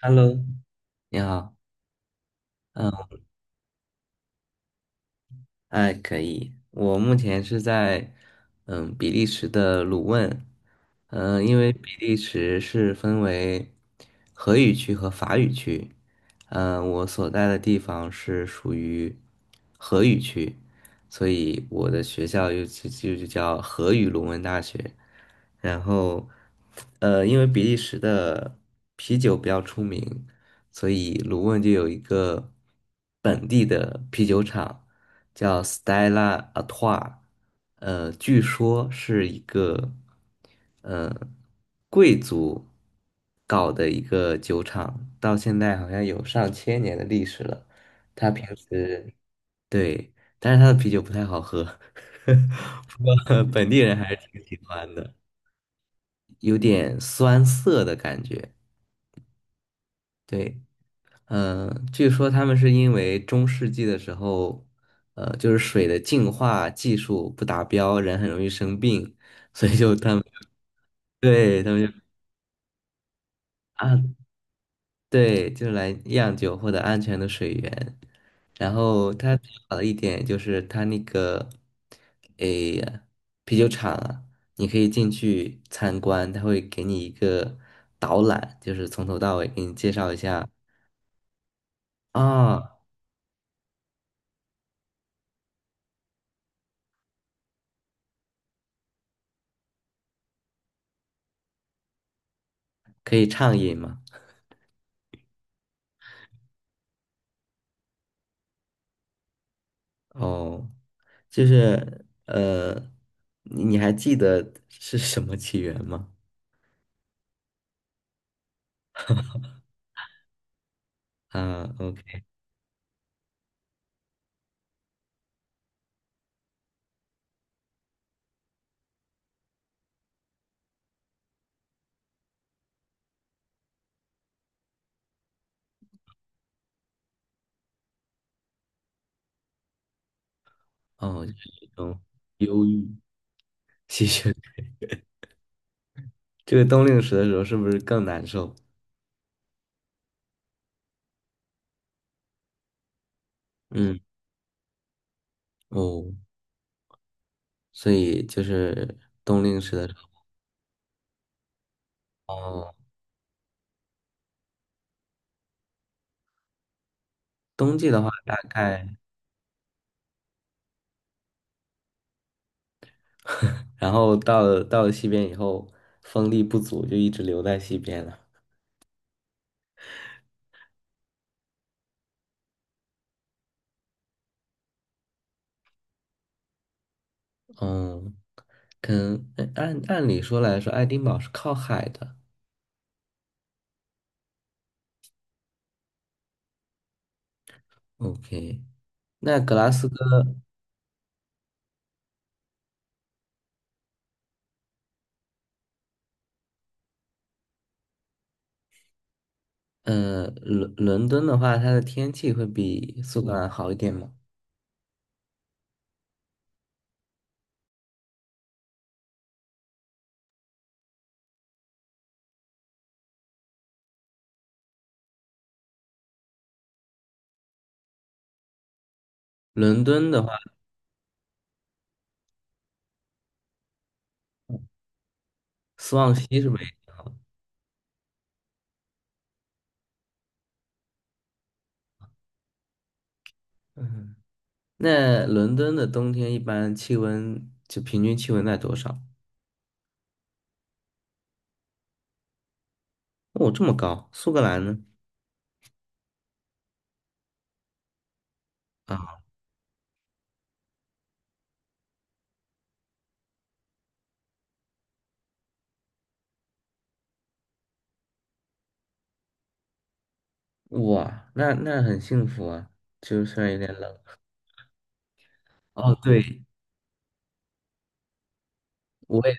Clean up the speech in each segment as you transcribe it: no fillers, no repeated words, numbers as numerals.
Hello，你好，嗯，哎，可以。我目前是在比利时的鲁汶，因为比利时是分为荷语区和法语区，我所在的地方是属于荷语区，所以我的学校又就叫荷语鲁汶大学。然后，因为比利时的啤酒比较出名，所以鲁汶就有一个本地的啤酒厂。叫 Stella ATOI， 据说是一个呃贵族搞的一个酒厂，到现在好像有上千年的历史了。他平时。对，但是他的啤酒不太好喝，不过本地人还是挺喜欢的，有点酸涩的感觉。对。据说他们是因为中世纪的时候，就是水的净化技术不达标，人很容易生病，所以就他们，对，他们就，啊，对，就来酿酒获得安全的水源。然后他好的一点就是他那个，诶，啤酒厂啊，你可以进去参观，他会给你一个导览，就是从头到尾给你介绍一下。啊，可以畅饮嘛。哦，就是你还记得是什么起源吗？啊，OK。哦，就是一种忧郁、吸血。这个冬令时的时候是不是更难受？嗯，哦，所以就是冬令时的时候。哦，冬季的话大概。然后到了西边以后，风力不足，就一直留在西边了。嗯，可能哎按理说来说，爱丁堡是靠海的。OK。那格拉斯哥，伦敦的话，它的天气会比苏格兰好一点吗？伦敦的话，斯旺西是北，嗯，那伦敦的冬天一般气温就平均气温在多少？哦，这么高，苏格兰呢？啊，哇，那很幸福啊，就虽然有点冷。哦，对，我也，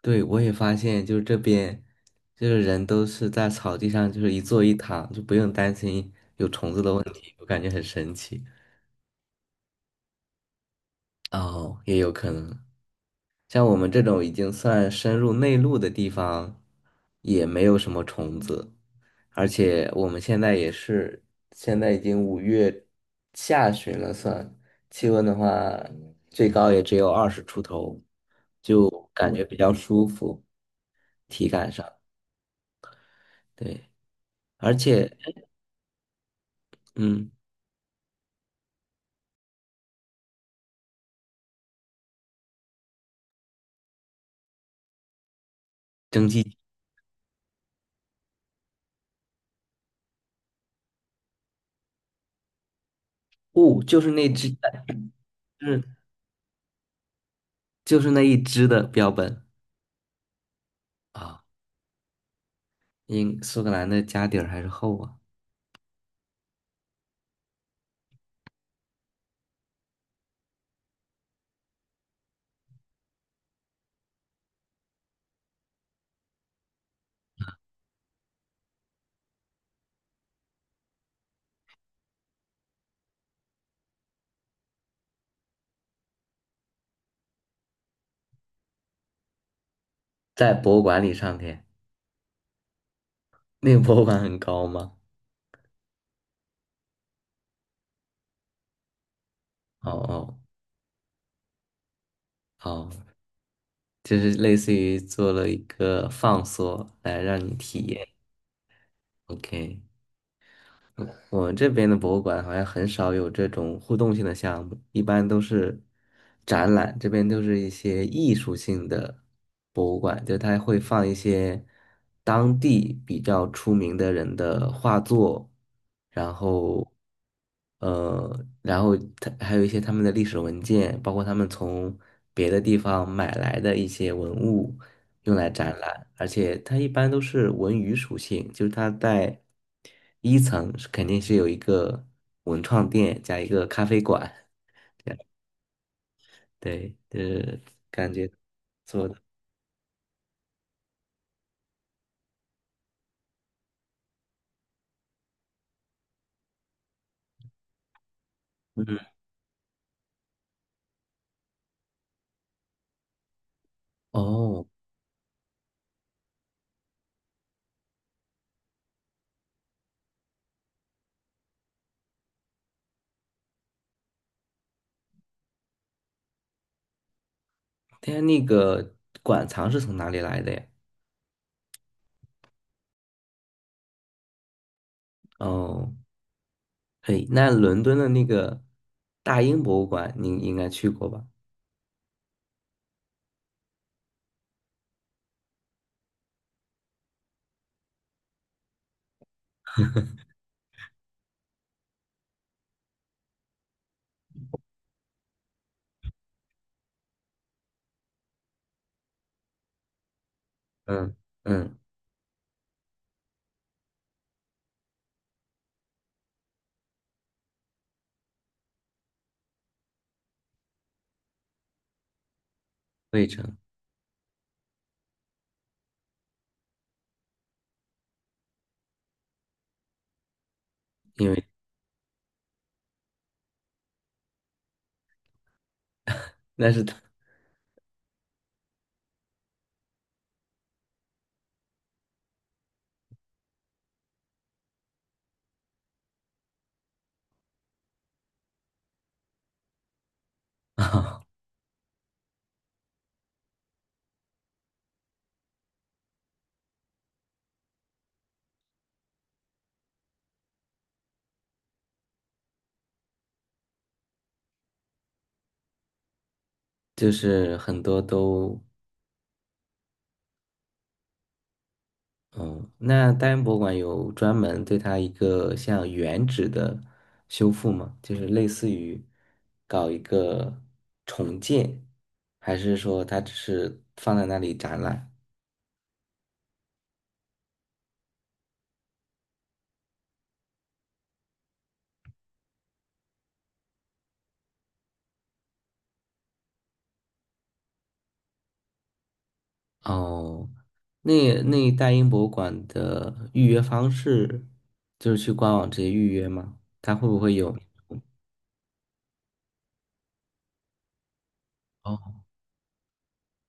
对，我也发现，就是这边就是人都是在草地上，就是一坐一躺，就不用担心，我感觉很神奇。哦，也有可能。像我们这种已经算深入内陆的地方，也没有什么虫子，而且我们现在也是，现在已经五月下旬了算，气温的话，最高也只有二十出头，就感觉比较舒服，体感上，对，而且，嗯，蒸汽。雾就是那只，就是就是那一只的标本。啊，因苏格兰的家底儿还是厚啊，在博物馆里上天。那个博物馆很高吗？哦哦哦，就是类似于做了一个放缩来让你体验。OK，我们这边的博物馆好像很少有这种互动性的项目，一般都是展览，这边都是一些艺术性的博物馆，就它会放一些当地比较出名的人的画作，然后然后它还有一些他们的历史文件，包括他们从别的地方买来的一些文物，用来展览，而且它一般都是文娱属性，就是它在一层是肯定是有一个文创店加一个咖啡馆，对，就是感觉做的。嗯。哦，它那个馆藏是从哪里来的呀？哦，嘿，那伦敦的那个大英博物馆，你应该去过吧？嗯嗯，费城，因为那是它啊，就是很多都。哦，那大英博物馆有专门对它一个像原址的修复吗？就是类似于搞一个重建，还是说它只是放在那里展览？哦，那大英博物馆的预约方式就是去官网直接预约吗？它会不会有？哦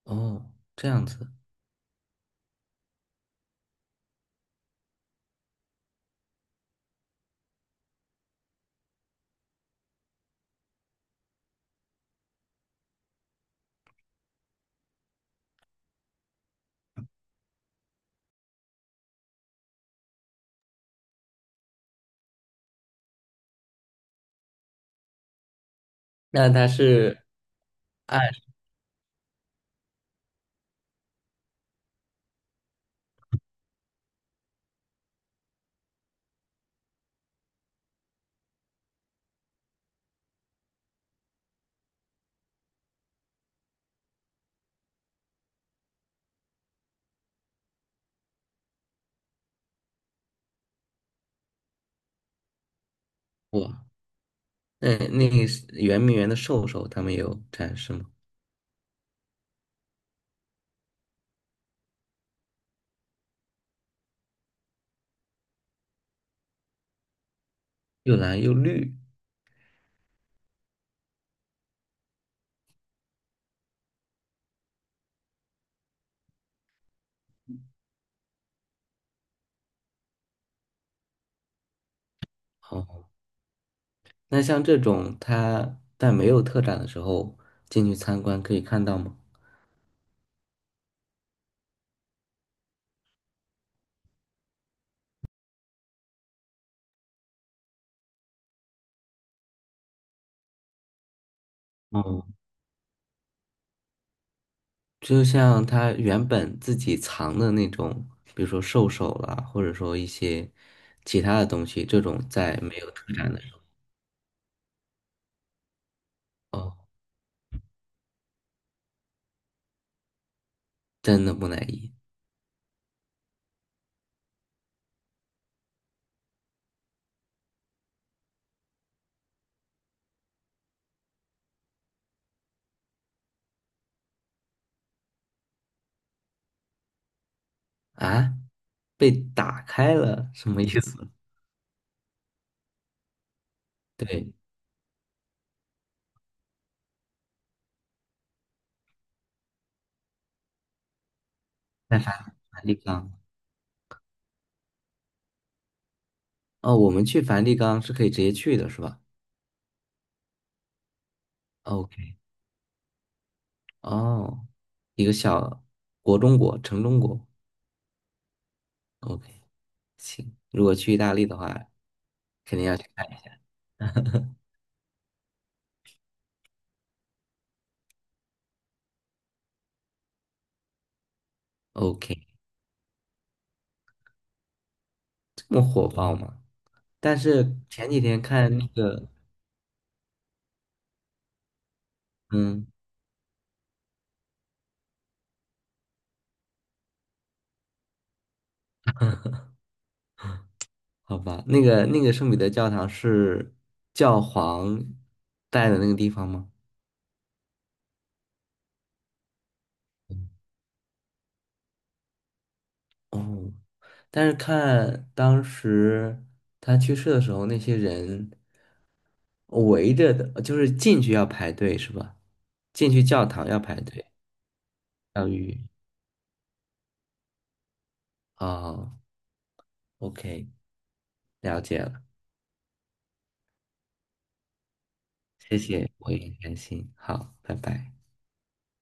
哦，这样子。那它是按我，那个是圆明园的兽首，他们有展示吗？又蓝又绿。好，那像这种他在没有特展的时候进去参观可以看到吗？哦，就像他原本自己藏的那种，比如说兽首啦，或者说一些其他的东西，这种在没有特展的时候，哦，真的木乃伊啊，被打开了，什么意思？对，在梵蒂冈。哦，我们去梵蒂冈是可以直接去的，是吧？OK。哦，一个小国中国，城中国。OK。行，如果去意大利的话，肯定要去看一下。OK，这么火爆吗？但是前几天看那个，嗯，好吧，那个圣彼得教堂是教皇在的那个地方吗？哦，但是看当时他去世的时候，那些人围着的，就是进去要排队是吧？进去教堂要排队，要预约。哦，OK，了解了。谢谢，我也很开心。好，拜拜。